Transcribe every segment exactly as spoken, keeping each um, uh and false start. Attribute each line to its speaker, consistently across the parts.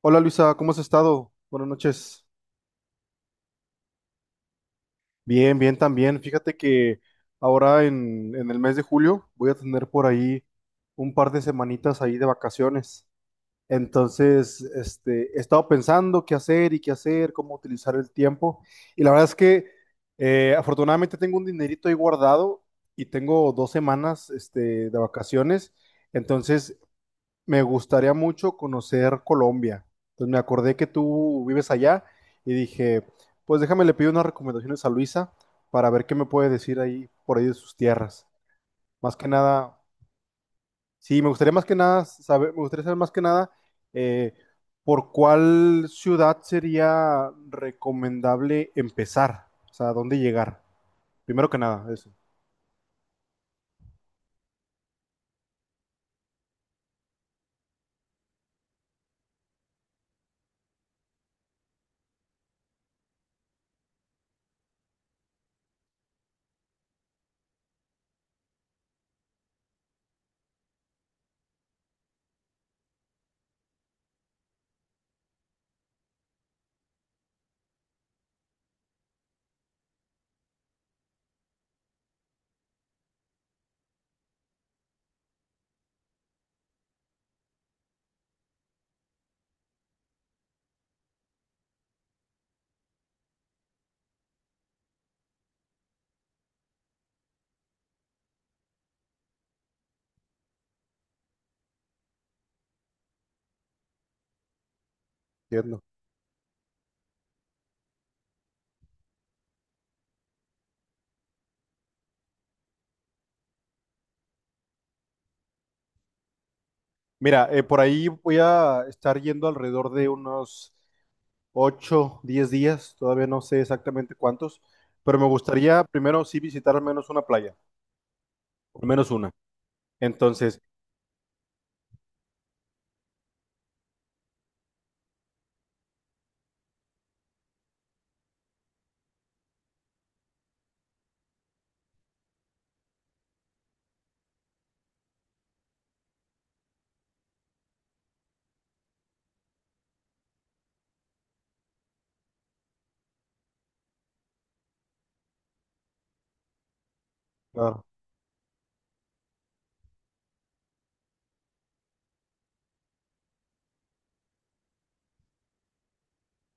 Speaker 1: Hola Luisa, ¿cómo has estado? Buenas noches. Bien, bien también. Fíjate que ahora en, en el mes de julio voy a tener por ahí un par de semanitas ahí de vacaciones. Entonces, este, he estado pensando qué hacer y qué hacer, cómo utilizar el tiempo. Y la verdad es que eh, afortunadamente tengo un dinerito ahí guardado y tengo dos semanas, este, de vacaciones. Entonces, me gustaría mucho conocer Colombia. Entonces me acordé que tú vives allá y dije, pues déjame le pido unas recomendaciones a Luisa para ver qué me puede decir ahí por ahí de sus tierras. Más que nada, sí, me gustaría más que nada saber, me gustaría saber más que nada, eh, por cuál ciudad sería recomendable empezar, o sea, dónde llegar. Primero que nada, eso, entiendo. Mira, eh, por ahí voy a estar yendo alrededor de unos ocho diez días, todavía no sé exactamente cuántos, pero me gustaría primero sí visitar al menos una playa, al menos una. Entonces, ah,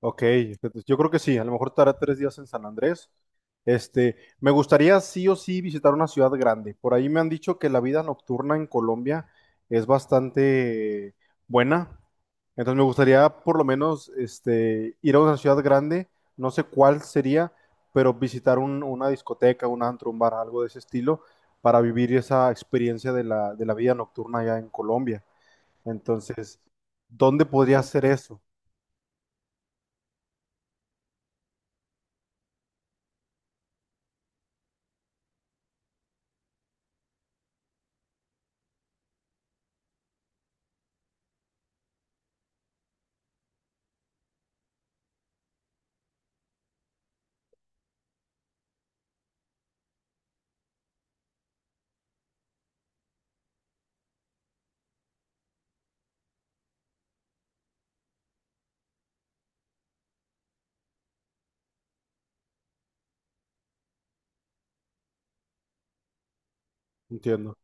Speaker 1: ok, entonces, yo creo que sí, a lo mejor estará tres días en San Andrés. Este, me gustaría sí o sí visitar una ciudad grande. Por ahí me han dicho que la vida nocturna en Colombia es bastante buena. Entonces me gustaría por lo menos este, ir a una ciudad grande, no sé cuál sería, pero visitar un- una discoteca, un antro, un bar, algo de ese estilo, para vivir esa experiencia de la, de la vida nocturna allá en Colombia. Entonces, ¿dónde podría hacer eso? Entiendo.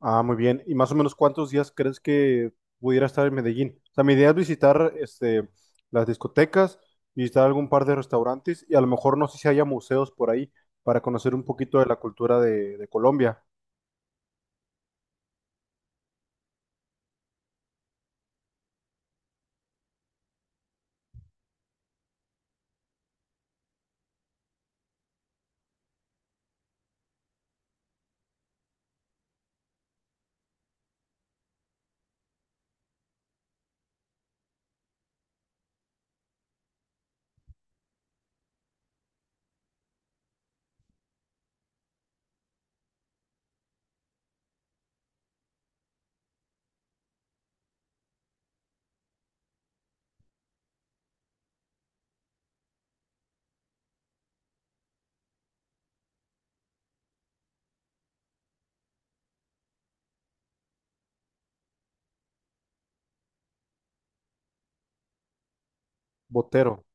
Speaker 1: Ah, muy bien. ¿Y más o menos cuántos días crees que pudiera estar en Medellín? O sea, mi idea es visitar este, las discotecas, visitar algún par de restaurantes y a lo mejor no sé si haya museos por ahí para conocer un poquito de la cultura de, de Colombia. Botero,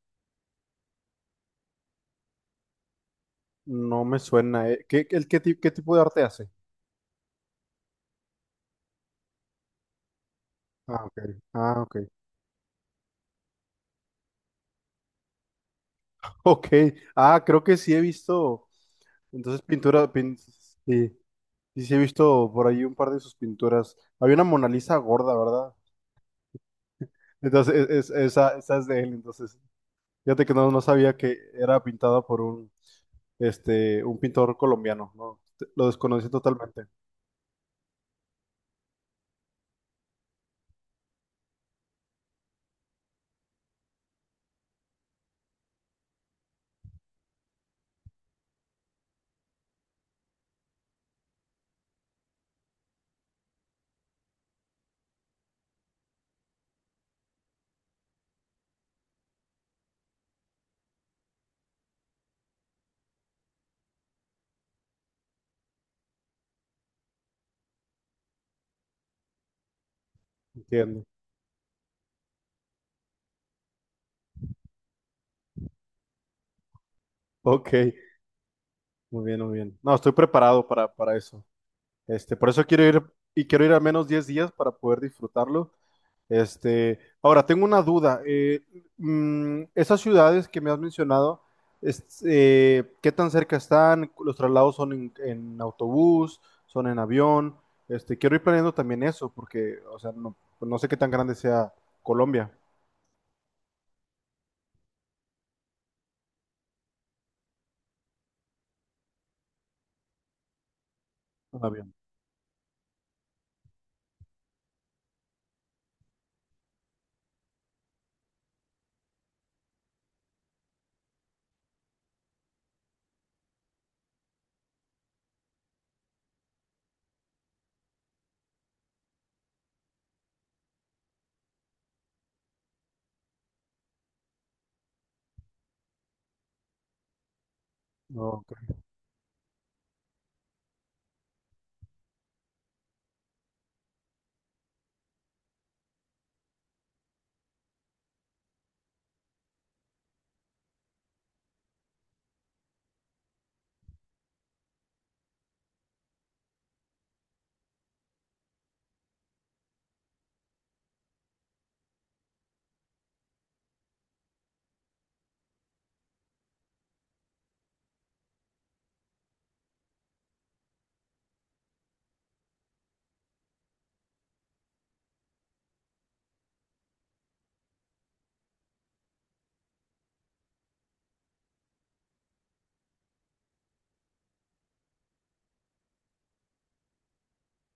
Speaker 1: no me suena. Eh. ¿Qué, el, qué, ti- qué tipo de arte hace? Ah, ok. Ah, ok. Ok. Ah, creo que sí he visto. Entonces, pintura, pin- sí, sí, sí he visto por ahí un par de sus pinturas. Había una Mona Lisa gorda, ¿verdad? Entonces, es- es- esa, esa es de él. Entonces, fíjate que no, no sabía que era pintada por un, este, un pintor colombiano, ¿no? Te- Lo desconocí totalmente. Entiendo. Ok, muy bien, muy bien. No, estoy preparado para, para eso. Este, por eso quiero ir y quiero ir al menos diez días para poder disfrutarlo. Este, ahora, tengo una duda. eh, mm, esas ciudades que me has mencionado, es- eh, ¿qué tan cerca están? ¿Los traslados son en, en autobús? ¿Son en avión? Este, quiero ir planeando también eso, porque, o sea, no, pues no sé qué tan grande sea Colombia. Un avión. Ok.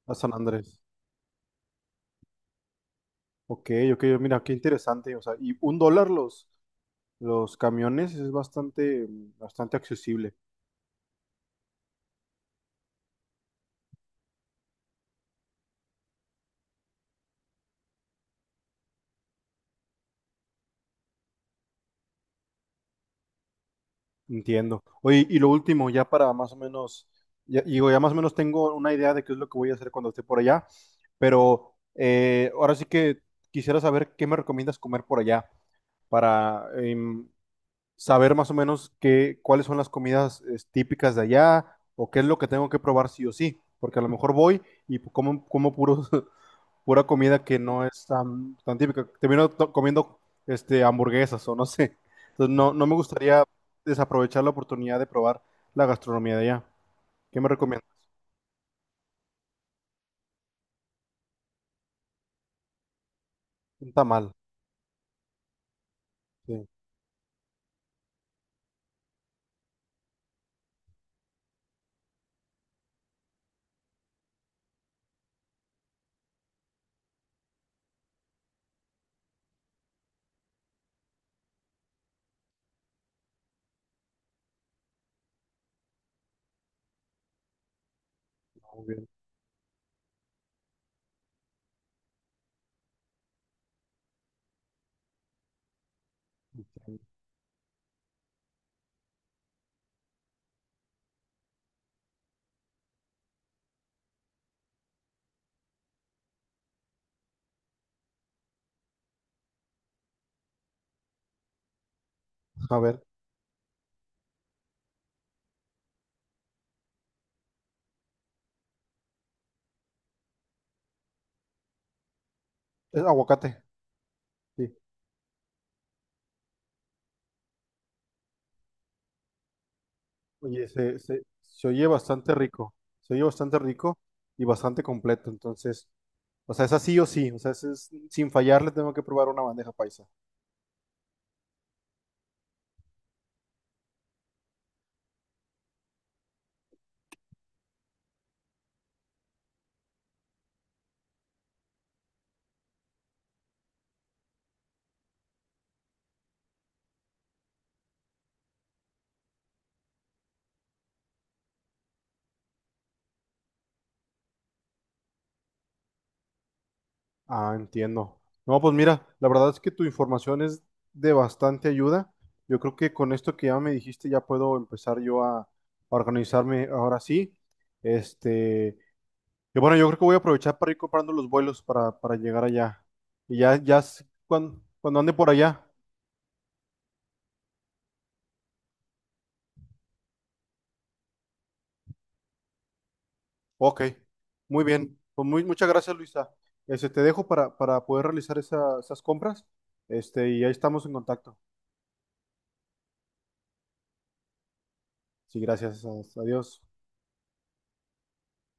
Speaker 1: A San Andrés. Ok, ok, mira, qué interesante. O sea, y un dólar los, los camiones es bastante, bastante accesible. Entiendo. Oye, y lo último, ya para más o menos, ya, digo, ya más o menos tengo una idea de qué es lo que voy a hacer cuando esté por allá, pero eh, ahora sí que quisiera saber qué me recomiendas comer por allá para em, saber más o menos qué, cuáles son las comidas es, típicas de allá o qué es lo que tengo que probar sí o sí, porque a lo mejor voy y pues, como, como puros pura comida que no es tan, tan típica. Termino to- comiendo este, hamburguesas o no sé. Entonces no, no me gustaría desaprovechar la oportunidad de probar la gastronomía de allá. ¿Qué me recomiendas? Un tamal. Sí, muy bien. A ver, es aguacate. Sí. Oye, se, se, se oye bastante rico. Se oye bastante rico y bastante completo. Entonces, o sea, es así o sí. O sea, es, es- sin fallar le tengo que probar una bandeja paisa. Ah, entiendo. No, pues mira, la verdad es que tu información es de bastante ayuda. Yo creo que con esto que ya me dijiste ya puedo empezar yo a, a organizarme ahora sí. Este, y bueno, yo creo que voy a aprovechar para ir comprando los vuelos para, para llegar allá. Y ya, ya cuando, cuando ande por allá. Ok, muy bien. Pues muy, muchas gracias, Luisa. Este, te dejo para, para poder realizar esa- esas compras. Este, y ahí estamos en contacto. Sí, gracias. Adiós.